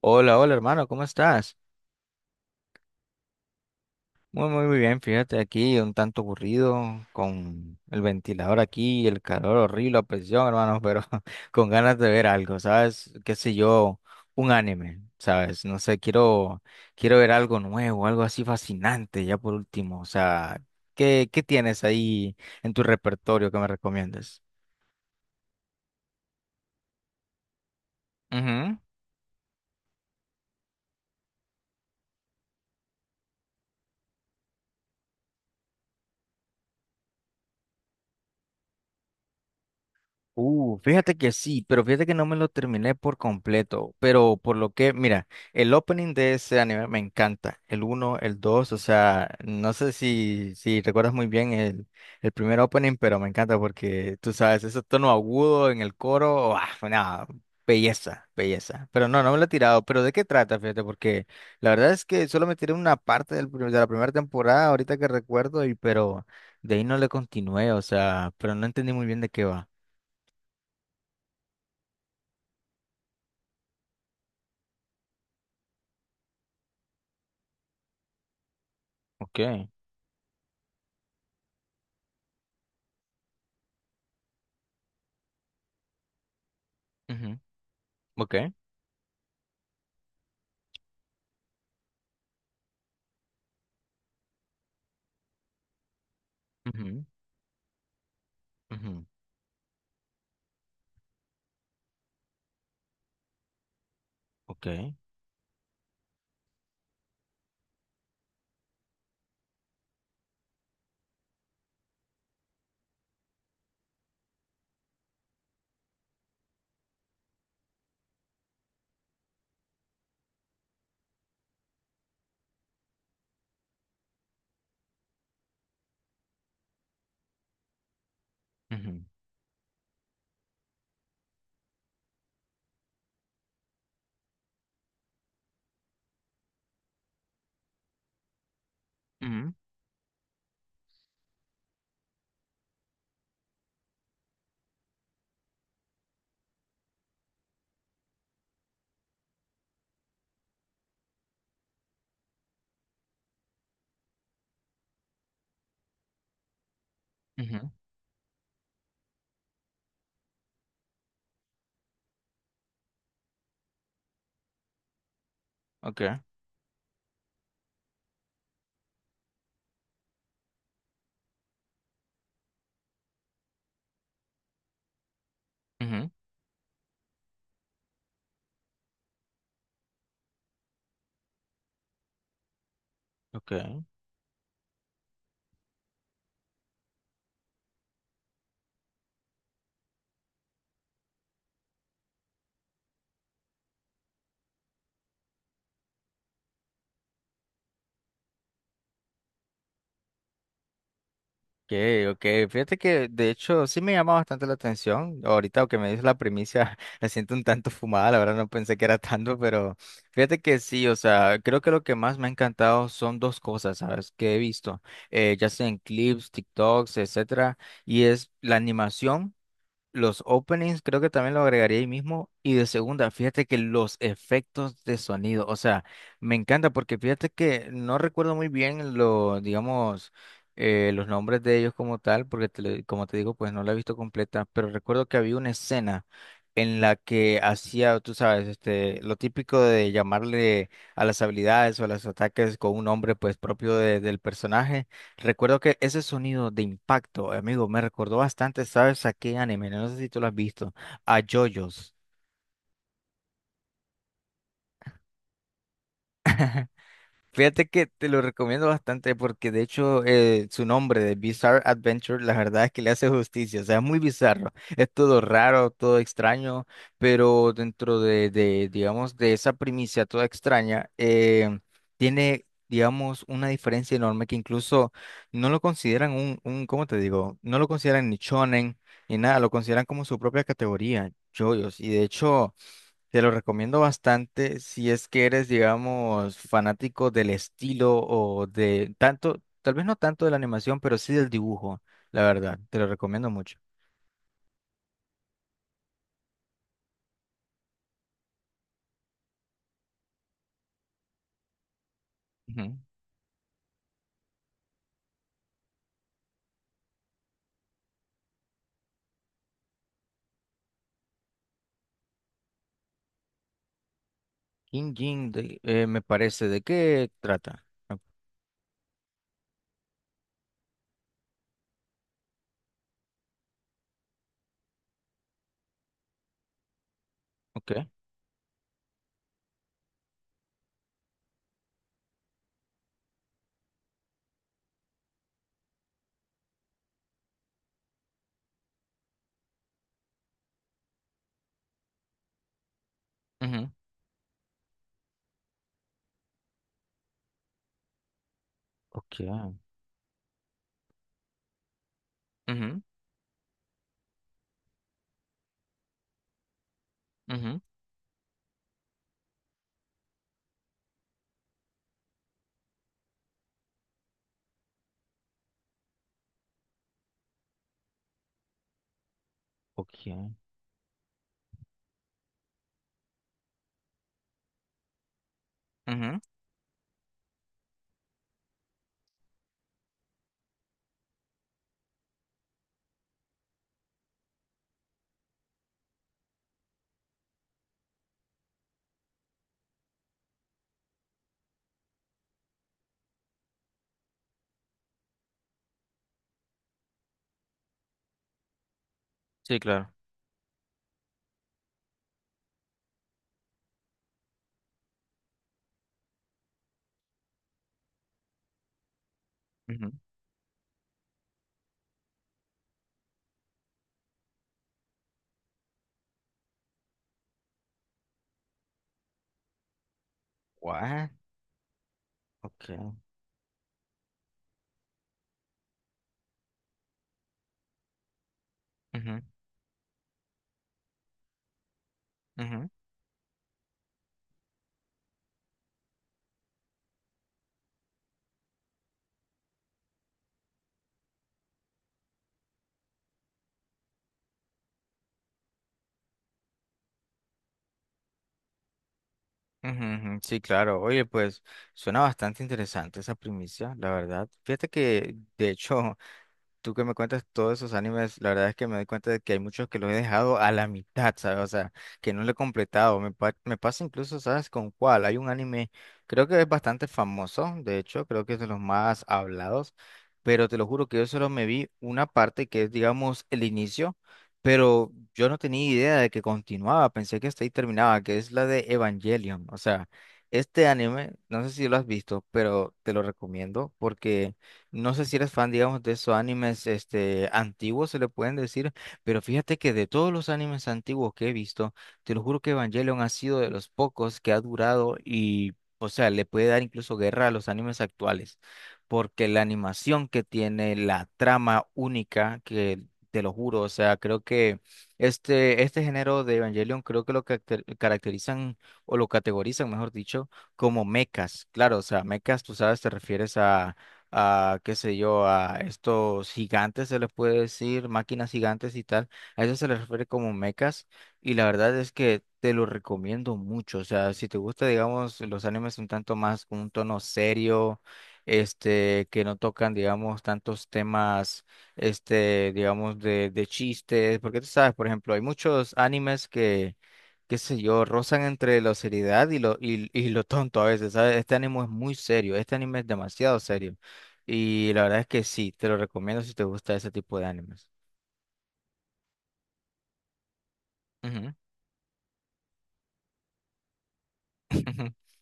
Hola, hola hermano, ¿cómo estás? Muy, muy, muy bien, fíjate aquí, un tanto aburrido, con el ventilador aquí, el calor horrible, la presión, hermano, pero con ganas de ver algo, ¿sabes? ¿Qué sé yo? Un anime, ¿sabes? No sé, quiero ver algo nuevo, algo así fascinante, ya por último, o sea, ¿qué tienes ahí en tu repertorio que me recomiendas? Fíjate que sí, pero fíjate que no me lo terminé por completo, pero por lo que, mira, el opening de ese anime me encanta, el uno, el 2, o sea, no sé si recuerdas muy bien el primer opening, pero me encanta porque, tú sabes, ese tono agudo en el coro, ah, nada, belleza, belleza, pero no, no me lo he tirado, pero ¿de qué trata? Fíjate, porque la verdad es que solo me tiré una parte de la primera temporada, ahorita que recuerdo, y pero de ahí no le continué, o sea, pero no entendí muy bien de qué va. Okay. Ujú. Okay. Ujú, ujú. Okay. Ujú, ujú, ujú. Okay. Ujú. Okay. Okay. Ok. Fíjate que de hecho sí me llama bastante la atención. Ahorita que me dices la primicia, la siento un tanto fumada, la verdad no pensé que era tanto, pero fíjate que sí, o sea, creo que lo que más me ha encantado son dos cosas, ¿sabes? Que he visto, ya sea en clips, TikToks, etcétera, y es la animación. Los openings creo que también lo agregaría ahí mismo. Y de segunda, fíjate que los efectos de sonido, o sea, me encanta porque fíjate que no recuerdo muy bien lo digamos, los nombres de ellos como tal, porque como te digo, pues no la he visto completa, pero recuerdo que había una escena en la que hacía, tú sabes, este, lo típico de llamarle a las habilidades o a los ataques con un nombre pues propio del personaje. Recuerdo que ese sonido de impacto, amigo, me recordó bastante, ¿sabes? ¿A qué anime, no sé si tú lo has visto? A JoJo's. Fíjate que te lo recomiendo bastante porque de hecho su nombre de Bizarre Adventure, la verdad es que le hace justicia, o sea, es muy bizarro, es todo raro, todo extraño, pero dentro de, digamos, de esa primicia toda extraña, tiene, digamos, una diferencia enorme que incluso no lo consideran ¿cómo te digo? No lo consideran ni shonen ni nada, lo consideran como su propia categoría, yoyos, y de hecho... Te lo recomiendo bastante si es que eres, digamos, fanático del estilo o de tanto, tal vez no tanto de la animación, pero sí del dibujo, la verdad. Te lo recomiendo mucho. Ujú. King Jin, me parece, ¿de qué trata? O- Ok. Ujú. Ok. Ujú, ujú. Ok. Ujú. Sí, claro. Ujú. What? Ok. Ujú, ujú, ujú, ujú. Sí, claro. Oye, pues suena bastante interesante esa primicia, la verdad. Fíjate que, de hecho, tú que me cuentas todos esos animes, la verdad es que me doy cuenta de que hay muchos que los he dejado a la mitad, ¿sabes? O sea, que no lo he completado. Me pasa incluso, ¿sabes con cuál? Hay un anime, creo que es bastante famoso, de hecho, creo que es de los más hablados, pero te lo juro que yo solo me vi una parte que es, digamos, el inicio, pero yo no tenía idea de que continuaba, pensé que hasta ahí terminaba, que es la de Evangelion. O sea, este anime, no sé si lo has visto, pero te lo recomiendo porque... No sé si eres fan, digamos, de esos animes este, antiguos, se le pueden decir, pero fíjate que de todos los animes antiguos que he visto, te lo juro que Evangelion ha sido de los pocos que ha durado y, o sea, le puede dar incluso guerra a los animes actuales, porque la animación que tiene, la trama única, que te lo juro, o sea, creo que este género de Evangelion creo que lo caracterizan o lo categorizan, mejor dicho, como mechas. Claro, o sea, mechas, tú sabes, te refieres a, qué sé yo, a estos gigantes, se les puede decir, máquinas gigantes y tal. A eso se les refiere como mechas. Y la verdad es que te lo recomiendo mucho. O sea, si te gusta, digamos, los animes un tanto más con un tono serio, este, que no tocan, digamos, tantos temas, este, digamos, de chistes. Porque tú sabes, por ejemplo, hay muchos animes que qué sé yo, rozan entre la seriedad y lo tonto a veces, ¿sabes? Este anime es muy serio, este anime es demasiado serio. Y la verdad es que sí, te lo recomiendo si te gusta ese tipo de animes. Ujú.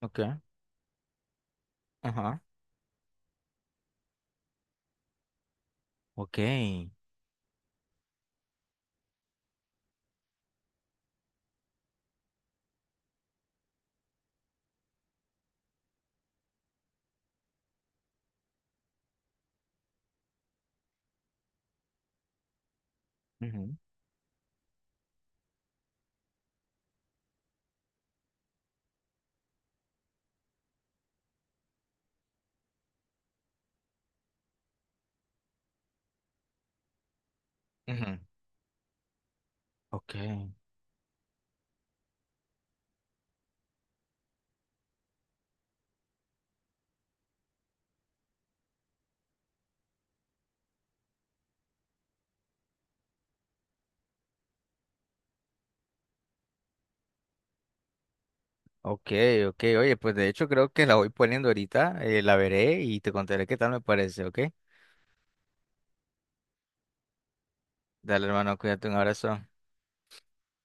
Ok. Ajá. Ok. Ujú, ujú. Ok. Ok. Ok. Oye, pues de hecho creo que la voy poniendo ahorita, la veré y te contaré qué tal me parece, ¿ok? Dale, hermano, cuídate, un abrazo.